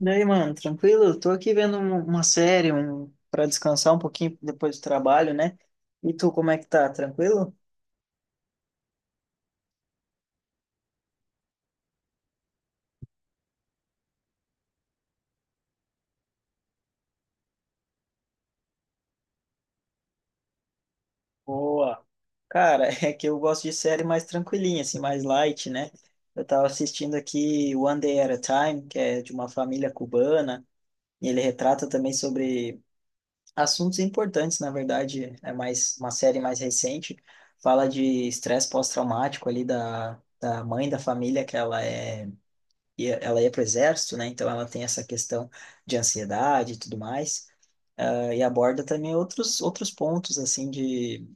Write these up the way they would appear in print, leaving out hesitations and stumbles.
Daí, mano, tranquilo? Tô aqui vendo uma série, um para descansar um pouquinho depois do trabalho, né? E tu, como é que tá? Tranquilo? Boa. Cara, é que eu gosto de série mais tranquilinha, assim, mais light, né? Eu tava assistindo aqui One Day at a Time, que é de uma família cubana, e ele retrata também sobre assuntos importantes. Na verdade, é mais uma série mais recente, fala de estresse pós-traumático ali da mãe da família, que ela é e ela ia para o exército, né? Então ela tem essa questão de ansiedade e tudo mais. E aborda também outros pontos assim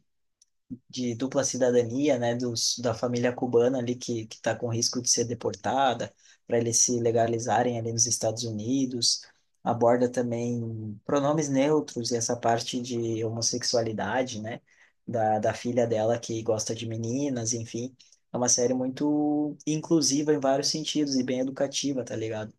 de dupla cidadania, né? Da família cubana ali que está com risco de ser deportada para eles se legalizarem ali nos Estados Unidos. Aborda também pronomes neutros e essa parte de homossexualidade, né? Da filha dela que gosta de meninas, enfim. É uma série muito inclusiva em vários sentidos e bem educativa, tá ligado?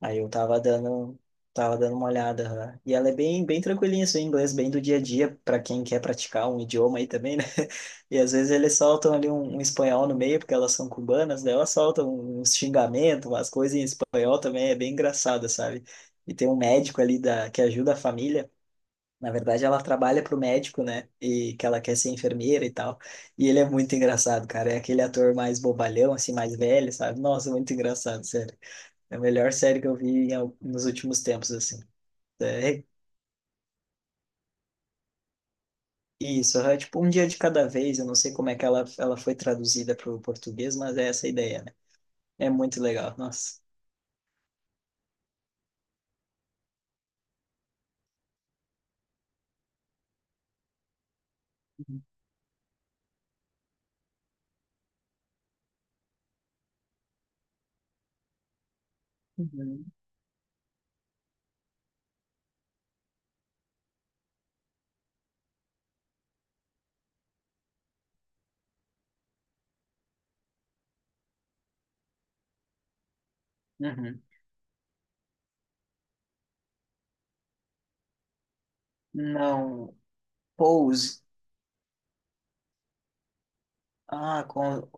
Aí eu tava dando uma olhada, né? E ela é bem, bem tranquilinha, assim, o inglês bem do dia a dia, para quem quer praticar um idioma aí também, né? E às vezes eles soltam ali um espanhol no meio, porque elas são cubanas, daí elas soltam uns xingamentos, umas coisas em espanhol também, é bem engraçado, sabe? E tem um médico ali da, que ajuda a família. Na verdade, ela trabalha pro médico, né? E que ela quer ser enfermeira e tal. E ele é muito engraçado, cara. É aquele ator mais bobalhão, assim, mais velho, sabe? Nossa, muito engraçado, sério. É a melhor série que eu vi em nos últimos tempos, assim. É, é isso, é tipo um dia de cada vez. Eu não sei como é que ela foi traduzida para o português, mas é essa a ideia, né? É muito legal, nossa. Uhum, uhum. Não. Pose. Ah, com.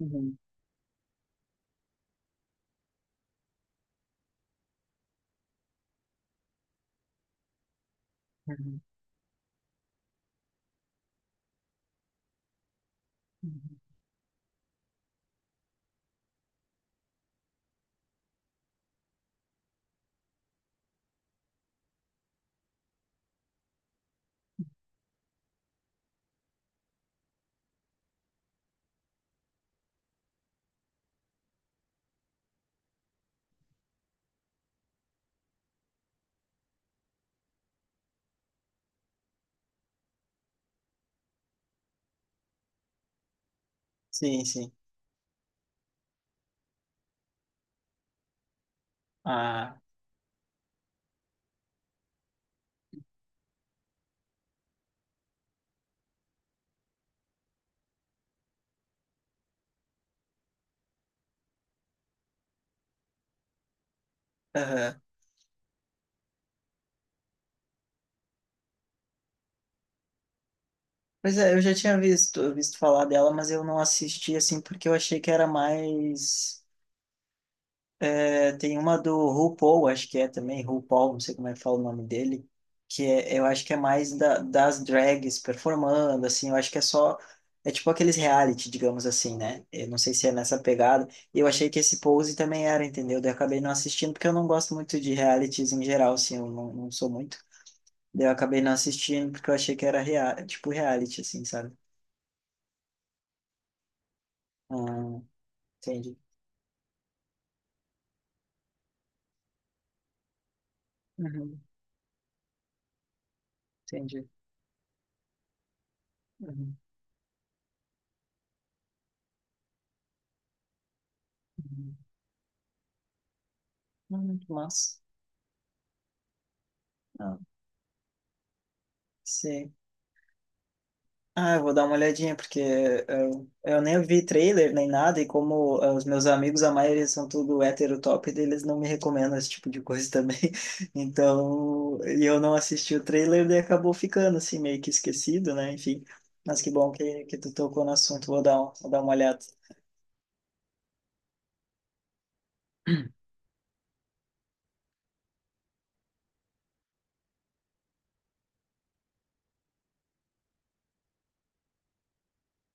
Uhum, uhum, uhum. Sim, sim. Ah, aham. Pois é, eu já tinha visto falar dela, mas eu não assisti, assim, porque eu achei que era mais. É, tem uma do RuPaul, acho que é também, RuPaul, não sei como é que fala o nome dele, que é, eu acho que é mais das drags performando, assim, eu acho que é só, é tipo aqueles reality, digamos assim, né? Eu não sei se é nessa pegada, e eu achei que esse Pose também era, entendeu? Daí eu acabei não assistindo, porque eu não gosto muito de realities em geral, assim, eu não, não sou muito. Daí eu acabei não assistindo, porque eu achei que era rea tipo reality, assim, sabe? Ah, entendi. Uhum, entendi. Uhum, uhum. Massa. Ah, sim. Ah, eu vou dar uma olhadinha, porque eu nem vi trailer nem nada, e como os meus amigos, a maioria são tudo hétero top, eles não me recomendam esse tipo de coisa também. Então, e eu não assisti o trailer, e acabou ficando assim, meio que esquecido, né? Enfim, mas que bom que tu tocou no assunto, vou vou dar uma olhada.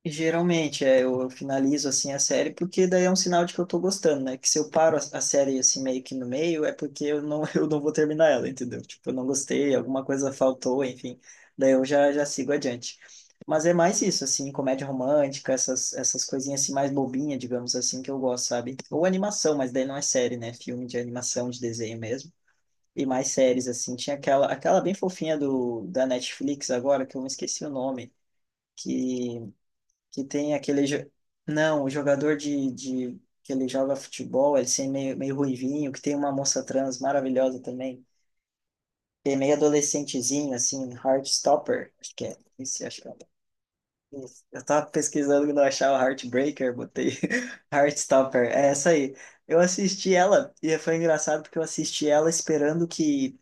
Geralmente, é, eu finalizo assim a série porque daí é um sinal de que eu tô gostando, né? Que se eu paro a série assim meio que no meio é porque eu não, eu não vou terminar ela, entendeu? Tipo, eu não gostei, alguma coisa faltou, enfim. Daí eu já sigo adiante. Mas é mais isso, assim, comédia romântica, essas coisinhas assim mais bobinha, digamos assim, que eu gosto, sabe? Ou animação, mas daí não é série, né? Filme de animação, de desenho mesmo. E mais séries, assim. Tinha aquela bem fofinha da Netflix agora, que eu me esqueci o nome que tem Não, o jogador de que ele joga futebol, ele assim, meio ruivinho, que tem uma moça trans maravilhosa também. Que é meio adolescentezinho, assim, Heartstopper, acho que é. Esse, acho que é. Esse. Eu tava pesquisando que não achava Heartbreaker, botei Heartstopper, é essa aí. Eu assisti ela e foi engraçado porque eu assisti ela esperando que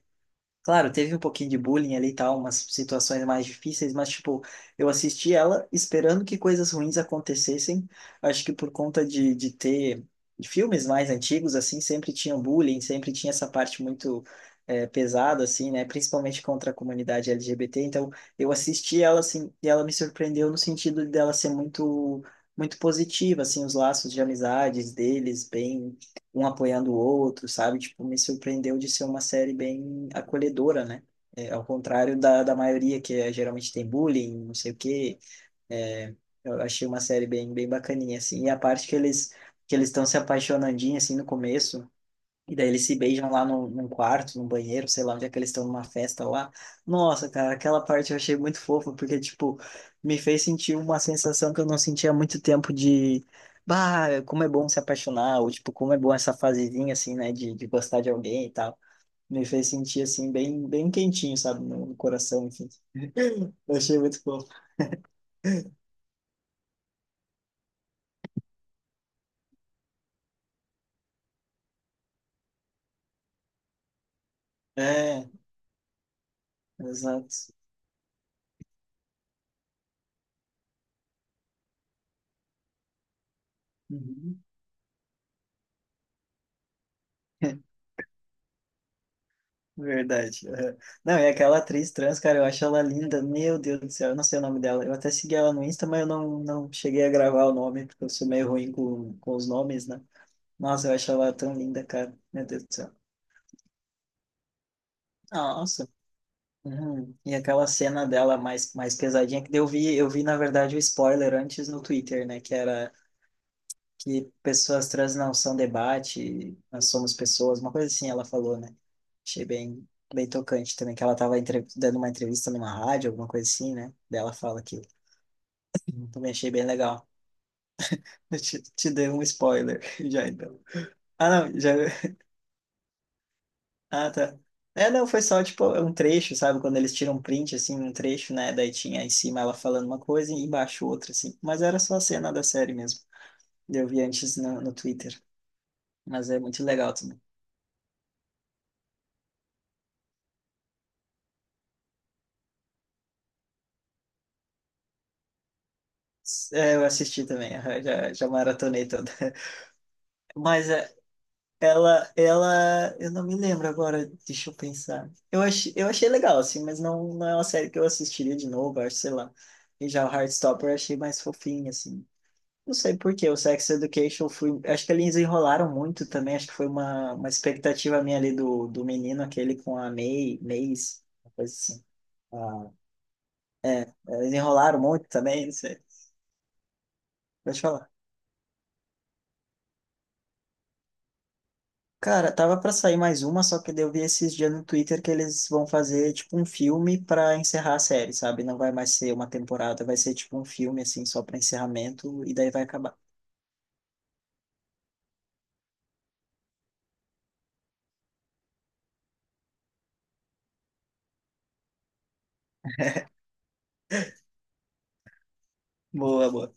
claro, teve um pouquinho de bullying ali e tal, umas situações mais difíceis, mas, tipo, eu assisti ela esperando que coisas ruins acontecessem. Acho que por conta de ter filmes mais antigos, assim, sempre tinha um bullying, sempre tinha essa parte muito pesada, assim, né? Principalmente contra a comunidade LGBT. Então, eu assisti ela, assim, e ela me surpreendeu no sentido dela ser muito, muito positiva, assim, os laços de amizades deles, bem um apoiando o outro, sabe? Tipo, me surpreendeu de ser uma série bem acolhedora, né? É, ao contrário da maioria, que é, geralmente tem bullying, não sei o quê. É, eu achei uma série bem, bem bacaninha, assim. E a parte que eles estão se apaixonandinho, assim, no começo, e daí eles se beijam lá no, num quarto, num banheiro, sei lá onde é que eles estão numa festa lá. Nossa, cara, aquela parte eu achei muito fofa, porque, tipo, me fez sentir uma sensação que eu não sentia há muito tempo de, bah, como é bom se apaixonar, ou, tipo, como é bom essa fasezinha, assim, né, de gostar de alguém e tal. Me fez sentir, assim, bem, bem quentinho, sabe, no coração, enfim. Eu achei muito fofo. É, exato. Uhum. Verdade. Aham. Não, e aquela atriz trans, cara, eu acho ela linda. Meu Deus do céu, eu não sei o nome dela. Eu até segui ela no Insta, mas eu não, não cheguei a gravar o nome, porque eu sou meio ruim com os nomes, né? Nossa, eu acho ela tão linda, cara. Meu Deus do céu. Nossa. Uhum. E aquela cena dela mais, mais pesadinha, que daí eu vi, na verdade, o spoiler antes no Twitter, né? Que era que pessoas trans não são debate, nós somos pessoas, uma coisa assim ela falou, né? Achei bem, bem tocante também, que ela estava dando uma entrevista numa rádio, alguma coisa assim, né? Daí ela fala aquilo. Também achei bem legal. Eu te dei um spoiler já então. Ah, não, já. Ah, tá. É, não, foi só tipo um trecho, sabe? Quando eles tiram um print, assim, um trecho, né? Daí tinha em cima ela falando uma coisa e embaixo outra, assim. Mas era só a cena da série mesmo. Eu vi antes no Twitter. Mas é muito legal também. É, eu assisti também, aham, já maratonei toda. Mas é, ela, eu não me lembro agora, deixa eu pensar. Eu achei legal, assim, mas não é uma série que eu assistiria de novo, acho, sei lá. E já o Heartstopper eu achei mais fofinho, assim. Não sei por quê, o Sex Education fui, acho que eles enrolaram muito também, acho que foi uma expectativa minha ali do menino aquele com a May, Maze, uma coisa assim. Ah, eles enrolaram muito também, não sei. Pode Cara, tava pra sair mais uma, só que daí eu vi esses dias no Twitter que eles vão fazer tipo um filme pra encerrar a série, sabe? Não vai mais ser uma temporada, vai ser tipo um filme assim só pra encerramento e daí vai acabar. Boa, boa.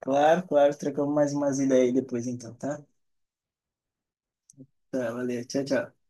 Claro, claro, trocamos mais umas ideias aí depois então, tá? Tá, valeu. Tchau, tchau.